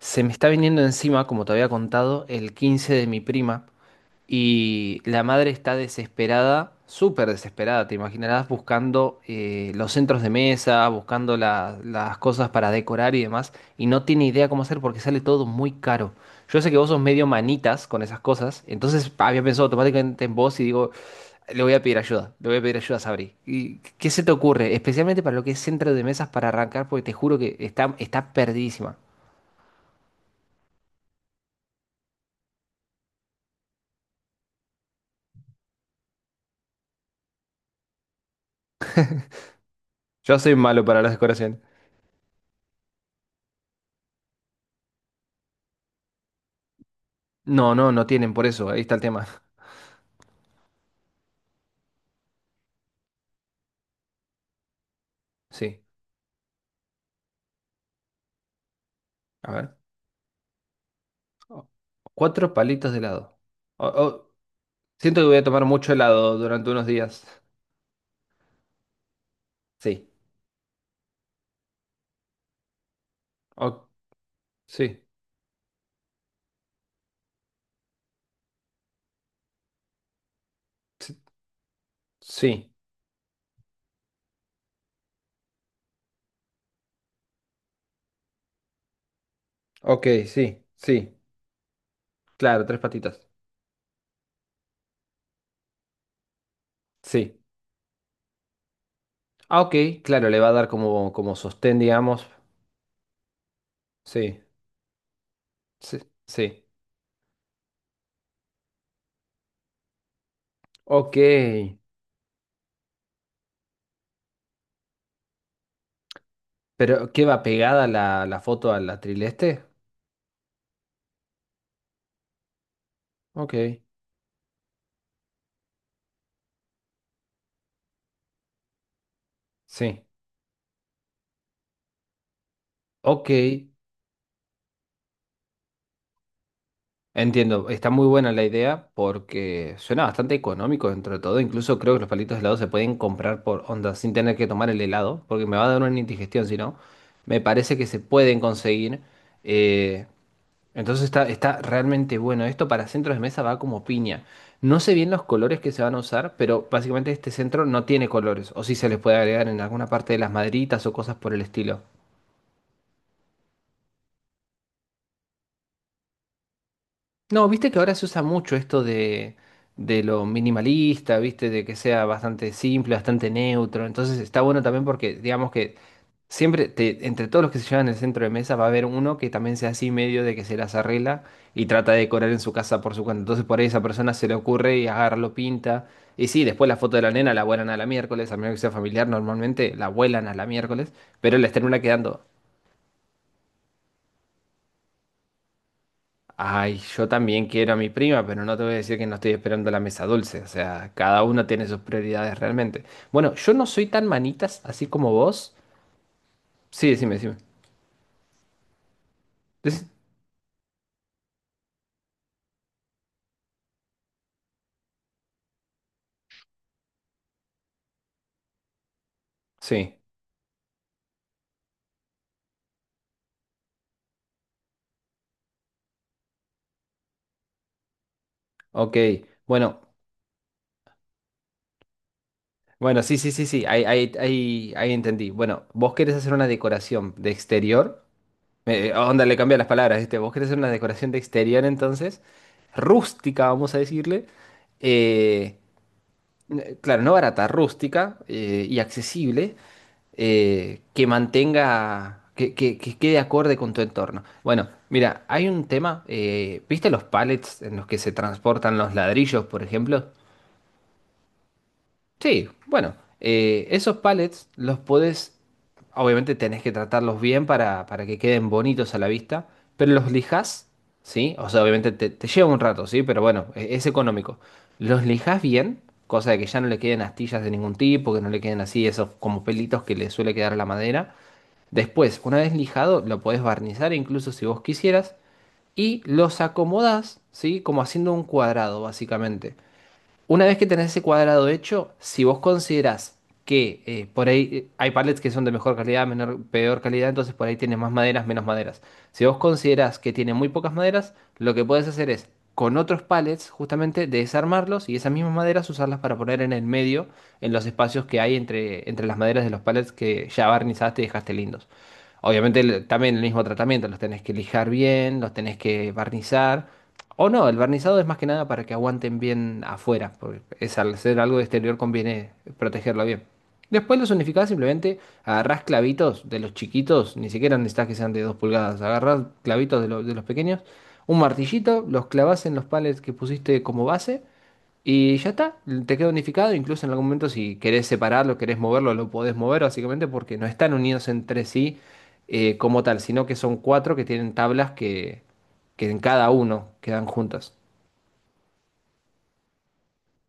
Se me está viniendo encima, como te había contado, el 15 de mi prima y la madre está desesperada, súper desesperada, te imaginarás, buscando los centros de mesa, buscando las cosas para decorar y demás, y no tiene idea cómo hacer porque sale todo muy caro. Yo sé que vos sos medio manitas con esas cosas, entonces había pensado automáticamente en vos y digo, le voy a pedir ayuda, le voy a pedir ayuda a Sabri. ¿Y qué se te ocurre? Especialmente para lo que es centro de mesas para arrancar, porque te juro que está perdidísima. Yo soy malo para las decoraciones. No, no, no tienen por eso. Ahí está el tema. Sí. A ver. O- Cuatro palitos de helado. O- o- siento que voy a tomar mucho helado durante unos días. Sí. O- sí. Sí. Sí. Ok, sí. Sí. Claro, tres patitas. Sí. Ah, ok. Claro, le va a dar como, como sostén, digamos. Sí. Sí. Sí. Ok. Pero, ¿qué va pegada la foto a la trileste? Ok. Sí. Ok. Entiendo, está muy buena la idea porque suena bastante económico dentro de todo. Incluso creo que los palitos de helado se pueden comprar por onda sin tener que tomar el helado, porque me va a dar una indigestión si no. Me parece que se pueden conseguir. eh, entonces está realmente bueno. Esto para centros de mesa va como piña. No sé bien los colores que se van a usar, pero básicamente este centro no tiene colores. O si se les puede agregar en alguna parte de las maderitas o cosas por el estilo. No, viste que ahora se usa mucho de lo minimalista, viste, de que sea bastante simple, bastante neutro. Entonces está bueno también porque, digamos que siempre, entre todos los que se llevan el centro de mesa, va a haber uno que también sea así medio de que se las arregla y trata de decorar en su casa por su cuenta. Entonces por ahí esa persona se le ocurre y agarra, lo pinta. Y sí, después la foto de la nena la vuelan a la miércoles, a menos que sea familiar, normalmente la vuelan a la miércoles, pero les termina quedando. Ay, yo también quiero a mi prima, pero no te voy a decir que no estoy esperando la mesa dulce. O sea, cada uno tiene sus prioridades realmente. Bueno, yo no soy tan manitas así como vos. Sí, decime, decime. Dec- Sí, ok. Bueno, bueno, sí, sí, sí, sí. Ahí entendí. Bueno, vos querés hacer una decoración de exterior. Onda, le cambié las palabras, ¿viste? Vos querés hacer una decoración de exterior entonces. Rústica, vamos a decirle. Eh, claro, no barata, rústica y accesible, que mantenga, que quede acorde con tu entorno. Bueno, mira, hay un tema, ¿viste los pallets en los que se transportan los ladrillos, por ejemplo? Sí, bueno, esos pallets los podés, obviamente tenés que tratarlos bien para que queden bonitos a la vista, pero los lijás, ¿sí? O sea, obviamente te lleva un rato, ¿sí? Pero bueno, es, económico. Los lijás bien, cosa de que ya no le queden astillas de ningún tipo, que no le queden así esos como pelitos que le suele quedar a la madera. Después, una vez lijado, lo podés barnizar incluso si vos quisieras y los acomodás, ¿sí? Como haciendo un cuadrado, básicamente. Una vez que tenés ese cuadrado hecho, si vos considerás que por ahí hay pallets que son de mejor calidad, menor, peor calidad, entonces por ahí tienes más maderas, menos maderas. Si vos considerás que tiene muy pocas maderas, lo que puedes hacer es con otros pallets justamente desarmarlos y esas mismas maderas usarlas para poner en el medio, en los espacios que hay entre, entre las maderas de los pallets que ya barnizaste y dejaste lindos. Obviamente también el mismo tratamiento, los tenés que lijar bien, los tenés que barnizar. O no, el barnizado es más que nada para que aguanten bien afuera, porque es al ser algo de exterior conviene protegerlo bien. Después los unificás, simplemente agarrás clavitos de los chiquitos, ni siquiera necesitas que sean de 2 pulgadas, agarrás clavitos de, de los pequeños, un martillito, los clavás en los palets que pusiste como base y ya está, te queda unificado, incluso en algún momento si querés separarlo, querés moverlo, lo podés mover básicamente porque no están unidos entre sí como tal, sino que son cuatro que tienen tablas que en cada uno quedan juntas.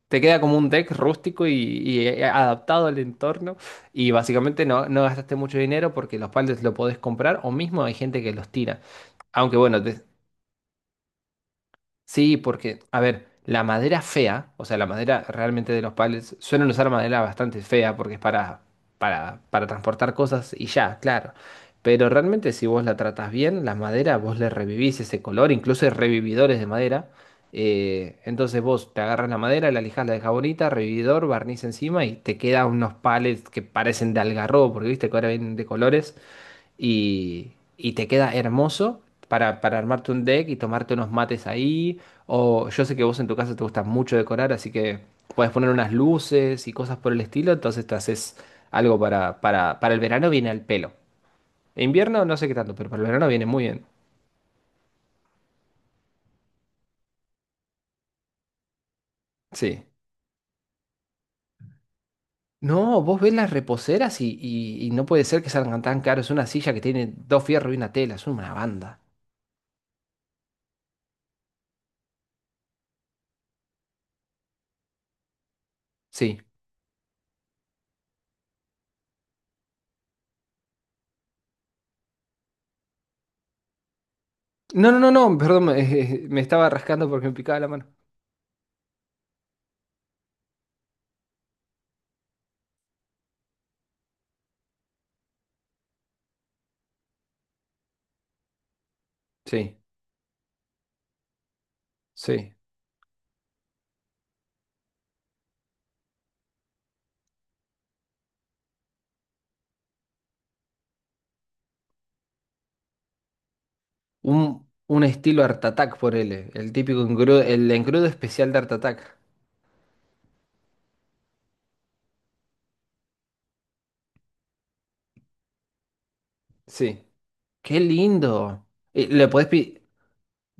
Te queda como un deck rústico y adaptado al entorno y básicamente no, no gastaste mucho dinero porque los palets lo podés comprar o mismo hay gente que los tira. Aunque bueno, te-. Sí, porque, a ver, la madera fea, o sea, la madera realmente de los palets, suelen usar madera bastante fea porque es para transportar cosas y ya, claro. Pero realmente si vos la tratás bien, la madera, vos le revivís ese color, incluso hay revividores de madera. Entonces vos te agarras la madera, la lijás, la dejás bonita, revividor, barniz encima y te quedan unos palets que parecen de algarrobo, porque viste que ahora vienen de colores y te queda hermoso para, armarte un deck y tomarte unos mates ahí. O yo sé que vos en tu casa te gusta mucho decorar, así que puedes poner unas luces y cosas por el estilo, entonces te haces algo para el verano viene al pelo. En invierno no sé qué tanto, pero para el verano viene muy bien. Sí. No, vos ves las reposeras y no puede ser que salgan tan caros. Una silla que tiene dos fierros y una tela, es una banda. Sí. No, no, no, no, perdón, me estaba rascando porque me picaba la mano. Sí, sí. Un estilo Art Attack, por él, el típico engrudo, el engrudo especial de Art Attack. Sí. ¡Qué lindo! Y le podés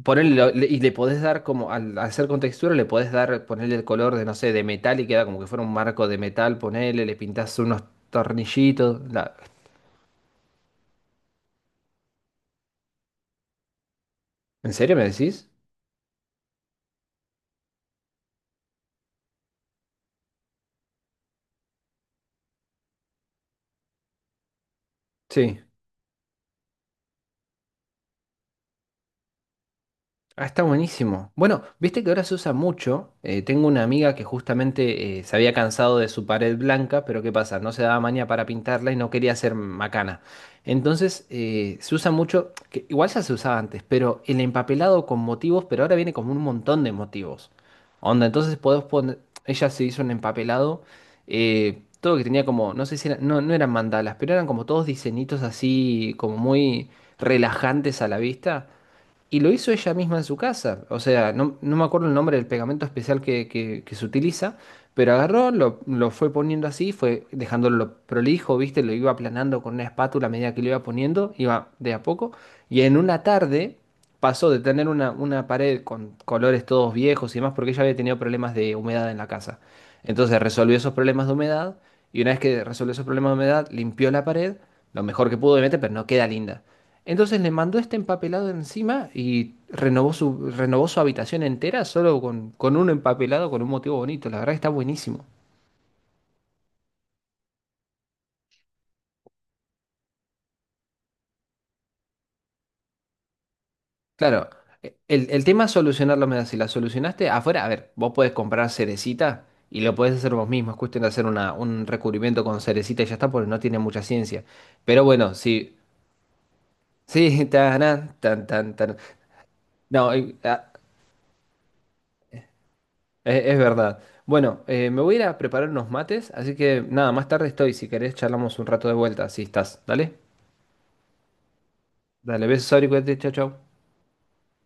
ponerle, y le podés dar como, al hacer con textura, le podés dar, ponerle el color de, no sé, de metal y queda como que fuera un marco de metal, ponele, le pintás unos tornillitos. la-. ¿En serio me decís? Sí. Ah, está buenísimo. Bueno, viste que ahora se usa mucho. Tengo una amiga que justamente se había cansado de su pared blanca, pero ¿qué pasa? No se daba maña para pintarla y no quería hacer macana. Entonces se usa mucho, que igual ya se usaba antes, pero el empapelado con motivos, pero ahora viene como un montón de motivos. Onda, entonces podés poner, ella se hizo un empapelado, todo que tenía como, no sé no, no eran mandalas, pero eran como todos diseñitos así, como muy relajantes a la vista. Y lo hizo ella misma en su casa. O sea, no, no me acuerdo el nombre del pegamento especial que se utiliza, pero agarró, lo fue poniendo así, fue dejándolo prolijo, ¿viste? Lo iba aplanando con una espátula a medida que lo iba poniendo, iba de a poco. Y en una tarde pasó de tener una pared con colores todos viejos y demás, porque ella había tenido problemas de humedad en la casa. Entonces resolvió esos problemas de humedad y una vez que resolvió esos problemas de humedad, limpió la pared, lo mejor que pudo obviamente, pero no queda linda. Entonces le mandó este empapelado encima y renovó renovó su habitación entera solo con un empapelado, con un motivo bonito. La verdad que está buenísimo. Claro, el tema es solucionar la humedad. Si la solucionaste afuera, a ver, vos podés comprar cerecita y lo podés hacer vos mismo. Es cuestión de hacer un recubrimiento con cerecita y ya está, porque no tiene mucha ciencia. Pero bueno, si... Sí, tan, tan, tan, tan. No, es, verdad. Bueno, me voy a ir a preparar unos mates, así que nada, más tarde estoy. Si querés, charlamos un rato de vuelta. Si estás, dale. Dale, besos, Ari, cuídate, chau, chau.